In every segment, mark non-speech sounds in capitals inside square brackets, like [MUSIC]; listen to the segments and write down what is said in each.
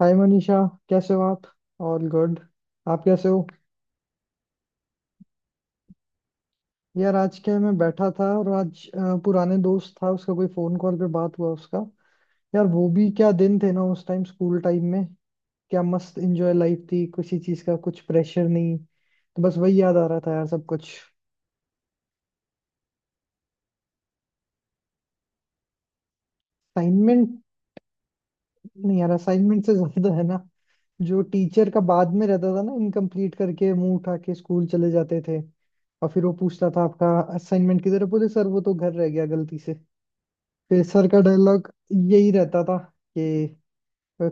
हाय मनीषा। कैसे हो आप? All good. आप कैसे हो? यार आज क्या है, मैं बैठा था और आज पुराने दोस्त था, उसका कोई फोन कॉल पे बात हुआ उसका। यार वो भी क्या दिन थे ना, उस टाइम स्कूल टाइम में। क्या मस्त एंजॉय लाइफ थी, किसी चीज का कुछ प्रेशर नहीं, तो बस वही याद आ रहा था यार सब कुछ। असाइनमेंट। नहीं यार, असाइनमेंट से ज्यादा है ना, जो टीचर का बाद में रहता था ना, इनकम्प्लीट करके मुंह उठा के स्कूल चले जाते थे। और फिर वो पूछता था, आपका असाइनमेंट किधर है? बोले सर वो तो घर रह गया गलती से। फिर सर का डायलॉग यही रहता था कि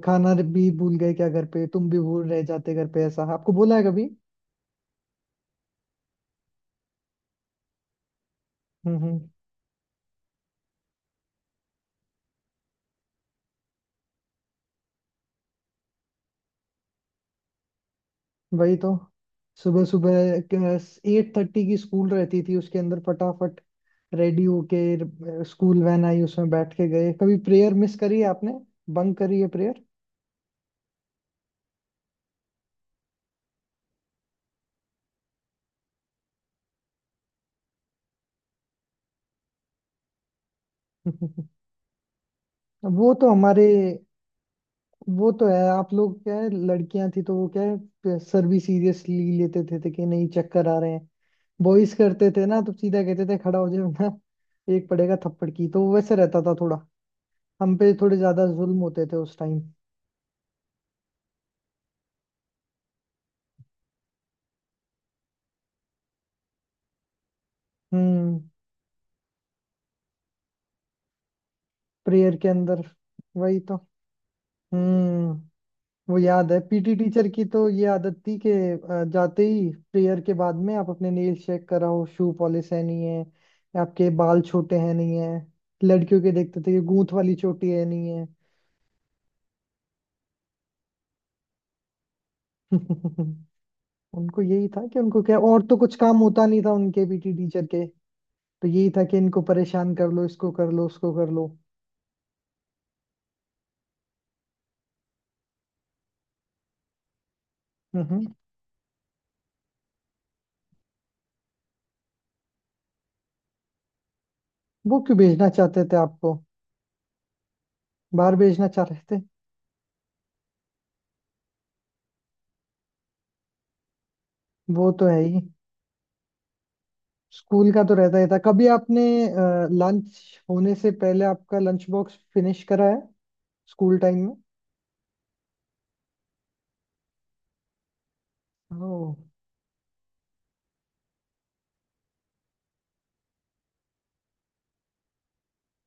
खाना भी भूल गए क्या घर पे, तुम भी भूल रह जाते घर पे? ऐसा आपको बोला है कभी? हम्म। हम्म। वही तो। सुबह सुबह 8:30 की स्कूल रहती थी, उसके अंदर फटाफट रेडी होके स्कूल वैन आई, उसमें बैठ के गए। कभी प्रेयर मिस करी है आपने? बंक करी है प्रेयर? [LAUGHS] वो तो हमारे। वो तो है, आप लोग क्या है, लड़कियां थी तो वो क्या, है सर भी सीरियसली लेते थे कि नहीं चक्कर आ रहे हैं। बॉयज करते थे ना तो सीधा कहते थे खड़ा हो जाए ना, एक पड़ेगा थप्पड़ की, तो वैसे रहता था थोड़ा। हम पे थोड़े ज्यादा जुल्म होते थे उस टाइम। हम्म। प्रेयर के अंदर। वही तो। हम्म। वो याद है, पीटी टीचर की तो ये आदत थी कि जाते ही प्रेयर के बाद में आप अपने नेल चेक कराओ, शू पॉलिश है नहीं है, आपके बाल छोटे हैं नहीं है, लड़कियों के देखते थे कि गूंथ वाली चोटी है नहीं है। [LAUGHS] उनको यही था कि उनको क्या, और तो कुछ काम होता नहीं था उनके पीटी टीचर के, तो यही था कि इनको परेशान कर लो, इसको कर लो, उसको कर लो। हम्म। वो क्यों भेजना चाहते थे आपको? बाहर भेजना चाह रहे थे? वो तो है ही। स्कूल का तो रहता ही था। कभी आपने लंच होने से पहले आपका लंच बॉक्स फिनिश करा है स्कूल टाइम में? ओ।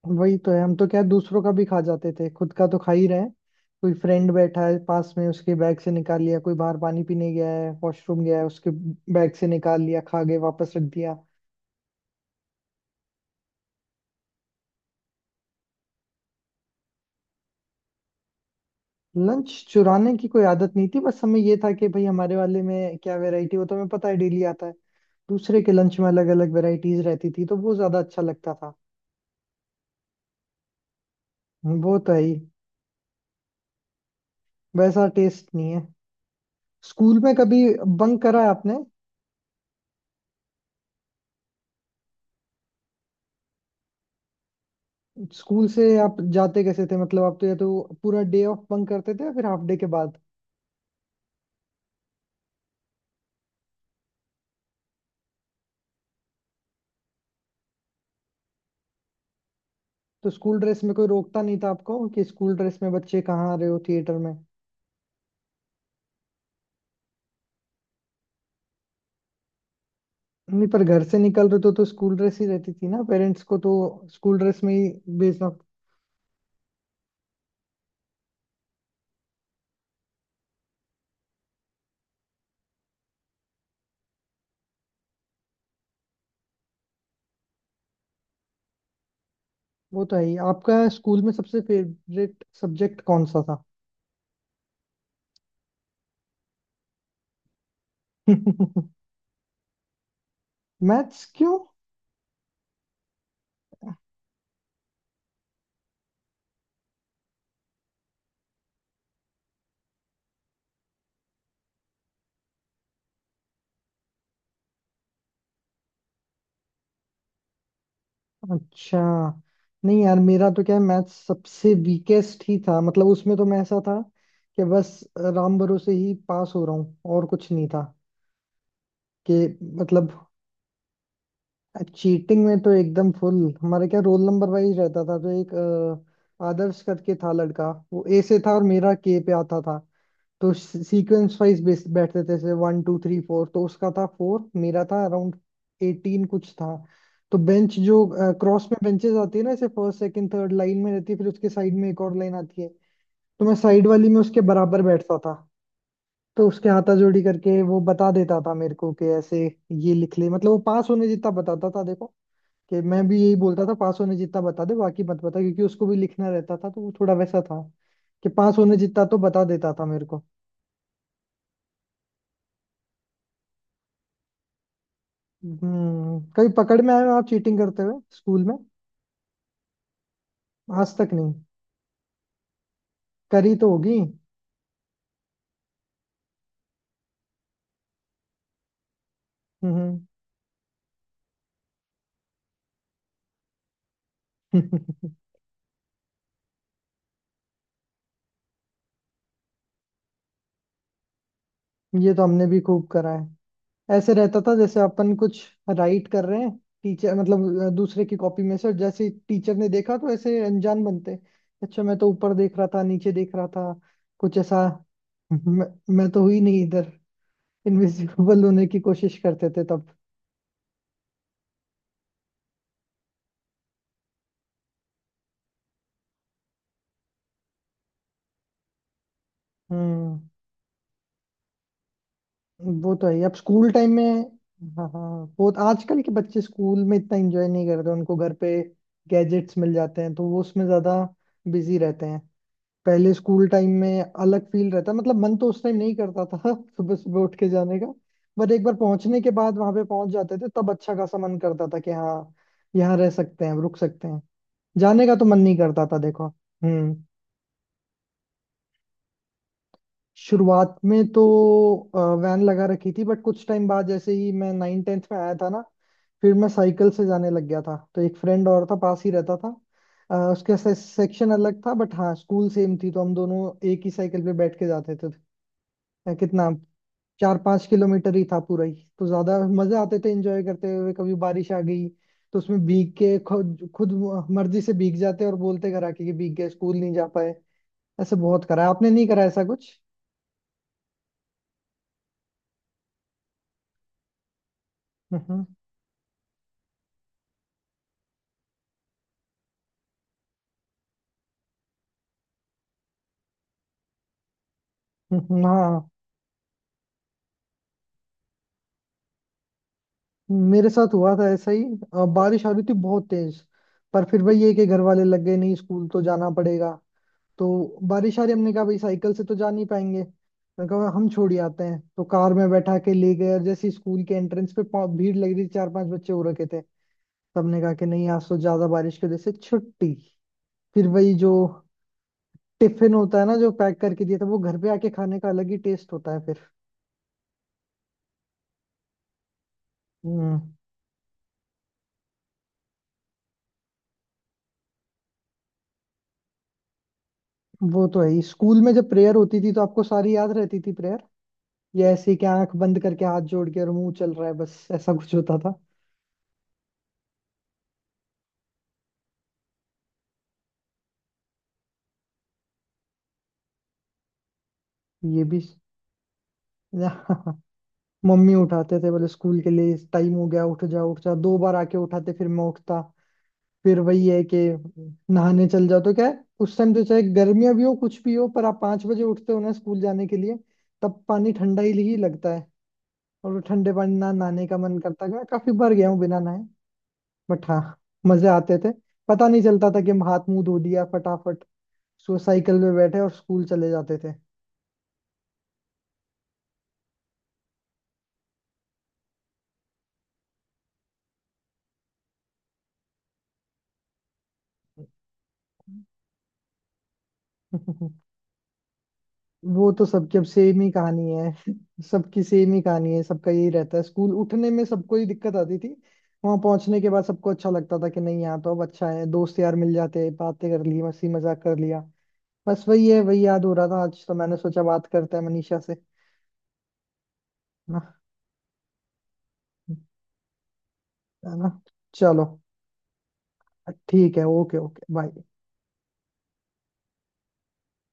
वही तो है, हम तो क्या है, दूसरों का भी खा जाते थे, खुद का तो खा ही रहे हैं। कोई फ्रेंड बैठा है पास में उसके बैग से निकाल लिया, कोई बाहर पानी पीने गया है, वॉशरूम गया है, उसके बैग से निकाल लिया, खा गए वापस रख दिया। लंच चुराने की कोई आदत नहीं थी, बस हमें ये था कि भाई हमारे वाले में क्या वैरायटी, वो तो हमें पता है डेली आता है। दूसरे के लंच में अलग अलग वैरायटीज रहती थी, तो वो ज्यादा अच्छा लगता था। वो तो है ही। वैसा टेस्ट नहीं है। स्कूल में कभी बंक करा है आपने? स्कूल से आप जाते कैसे थे, मतलब आप तो या तो पूरा डे ऑफ बंक करते थे या फिर हाफ डे के बाद? तो स्कूल ड्रेस में कोई रोकता नहीं था आपको कि स्कूल ड्रेस में बच्चे कहाँ आ रहे हो थिएटर में? नहीं पर घर से निकल रहे तो स्कूल ड्रेस ही रहती थी ना, पेरेंट्स को तो स्कूल ड्रेस में ही भेजना। वो तो है ही। आपका स्कूल में सबसे फेवरेट सब्जेक्ट कौन सा था? [LAUGHS] मैथ्स क्यों? अच्छा। नहीं यार, मेरा तो क्या है, मैथ्स सबसे वीकेस्ट ही था, मतलब उसमें तो मैं ऐसा था कि बस राम भरोसे ही पास हो रहा हूँ और कुछ नहीं था कि, मतलब चीटिंग में तो एकदम फुल। हमारे क्या रोल नंबर वाइज रहता था, तो एक आदर्श करके था लड़का, वो ए से था और मेरा के पे आता था। तो सीक्वेंस वाइज बेस बैठते थे, जैसे 1, 2, 3, 4, तो उसका था 4, मेरा था अराउंड 18 कुछ था। तो बेंच जो क्रॉस में बेंचेस आती है ना, जैसे फर्स्ट सेकंड थर्ड लाइन में रहती है, फिर उसके साइड में एक और लाइन आती है, तो मैं साइड वाली में उसके बराबर बैठता था। तो उसके हाथाजोड़ी करके वो बता देता था मेरे को कि ऐसे ये लिख ले, मतलब वो पास होने जितना बताता था। देखो कि मैं भी यही बोलता था पास होने जितना बता दे, बाकी मत बता, क्योंकि उसको भी लिखना रहता था, तो वो थोड़ा वैसा था कि पास होने जितना तो बता देता था मेरे को। हम्म। कभी पकड़ में आए हो आप चीटिंग करते हुए स्कूल में? आज तक नहीं? करी तो होगी। हम्म। [LAUGHS] ये तो हमने भी खूब करा है। ऐसे रहता था जैसे अपन कुछ राइट कर रहे हैं, टीचर, मतलब दूसरे की कॉपी में से, जैसे टीचर ने देखा तो ऐसे अनजान बनते, अच्छा मैं तो ऊपर देख रहा था नीचे देख रहा था, कुछ ऐसा। मैं, मैं तो हुई नहीं इधर। [LAUGHS] इनविजिबल होने की कोशिश करते थे तब। हम्म। वो तो है ही। अब स्कूल टाइम में। हाँ हाँ, वो तो आजकल के बच्चे स्कूल में इतना एंजॉय नहीं करते, उनको घर पे गैजेट्स मिल जाते हैं तो वो उसमें ज्यादा बिजी रहते हैं। पहले स्कूल टाइम में अलग फील रहता, मतलब मन तो उस टाइम नहीं करता था [LAUGHS] सुबह सुबह उठ के जाने का। बट एक बार पहुंचने के बाद वहां पे पहुंच जाते थे, तब अच्छा खासा मन करता था कि हाँ यहाँ रह सकते हैं, रुक सकते हैं। जाने का तो मन नहीं करता था देखो। हम्म। शुरुआत में तो वैन लगा रखी थी, बट कुछ टाइम बाद जैसे ही मैं 9-10 में आया था ना, फिर मैं साइकिल से जाने लग गया था, तो एक फ्रेंड और था, पास ही रहता था। सेक्शन अलग था, बट हाँ स्कूल सेम थी, तो हम दोनों एक ही साइकिल पे बैठ के जाते थे। अ, कितना 4-5 किलोमीटर ही था पूरा ही, तो ज्यादा मजे आते थे एंजॉय करते हुए। कभी बारिश आ गई तो उसमें भीग के खुद खुद मर्जी से भीग जाते और बोलते घर आके कि भीग गए स्कूल नहीं जा पाए। ऐसे बहुत करा है। आपने नहीं करा ऐसा कुछ? हम्म। हम्म। हम्म। हाँ। मेरे साथ हुआ था ऐसा ही, बारिश आ रही थी बहुत तेज, पर फिर भाई ये कि घर वाले लग गए नहीं स्कूल तो जाना पड़ेगा। तो बारिश आ रही, हमने कहा भाई साइकिल से तो जा नहीं पाएंगे, मैं कहा हम छोड़ ही आते हैं, तो कार में बैठा के ले गए। और जैसे ही स्कूल के एंट्रेंस पे भीड़ लग रही थी, चार पांच बच्चे हो रखे थे। सबने कहा कि नहीं आज तो ज्यादा बारिश की वजह से छुट्टी। फिर वही जो टिफिन होता है ना जो पैक करके दिया था, वो घर पे आके खाने का अलग ही टेस्ट होता है फिर। हम्म। वो तो है ही। स्कूल में जब प्रेयर होती थी तो आपको सारी याद रहती थी? ये ऐसे कि आंख बंद करके हाथ जोड़ के और मुंह चल रहा है बस, ऐसा कुछ होता था। ये भी। [LAUGHS] मम्मी उठाते थे, बोले स्कूल के लिए टाइम हो गया, उठ जा उठ जा, दो बार आके उठाते, फिर मैं उठता। फिर वही है कि नहाने चल जाओ, तो क्या है उस टाइम तो चाहे गर्मियां भी हो कुछ भी हो, पर आप 5 बजे उठते हो ना स्कूल जाने के लिए, तब पानी ठंडा ही लगता है। और वो ठंडे पानी ना नहाने का मन करता है, मैं काफी बार गया हूँ बिना नहाए। बट हाँ मजे आते थे, पता नहीं चलता था कि हम हाथ मुंह धो लिया फटाफट, सो साइकिल में बैठे और स्कूल चले जाते थे। [LAUGHS] वो तो सबकी अब सेम ही कहानी है। [LAUGHS] सबकी सेम ही कहानी है, सबका यही रहता है स्कूल उठने में सबको ही दिक्कत आती थी। वहां पहुंचने के बाद सबको अच्छा लगता था कि नहीं यहाँ तो अब अच्छा है, दोस्त यार मिल जाते हैं, बातें कर ली, हंसी मजाक कर लिया। बस वही है, वही याद हो रहा था, आज तो मैंने सोचा बात करते हैं मनीषा से। ना। है ना? चलो, ठीक है। Okay okay, bye.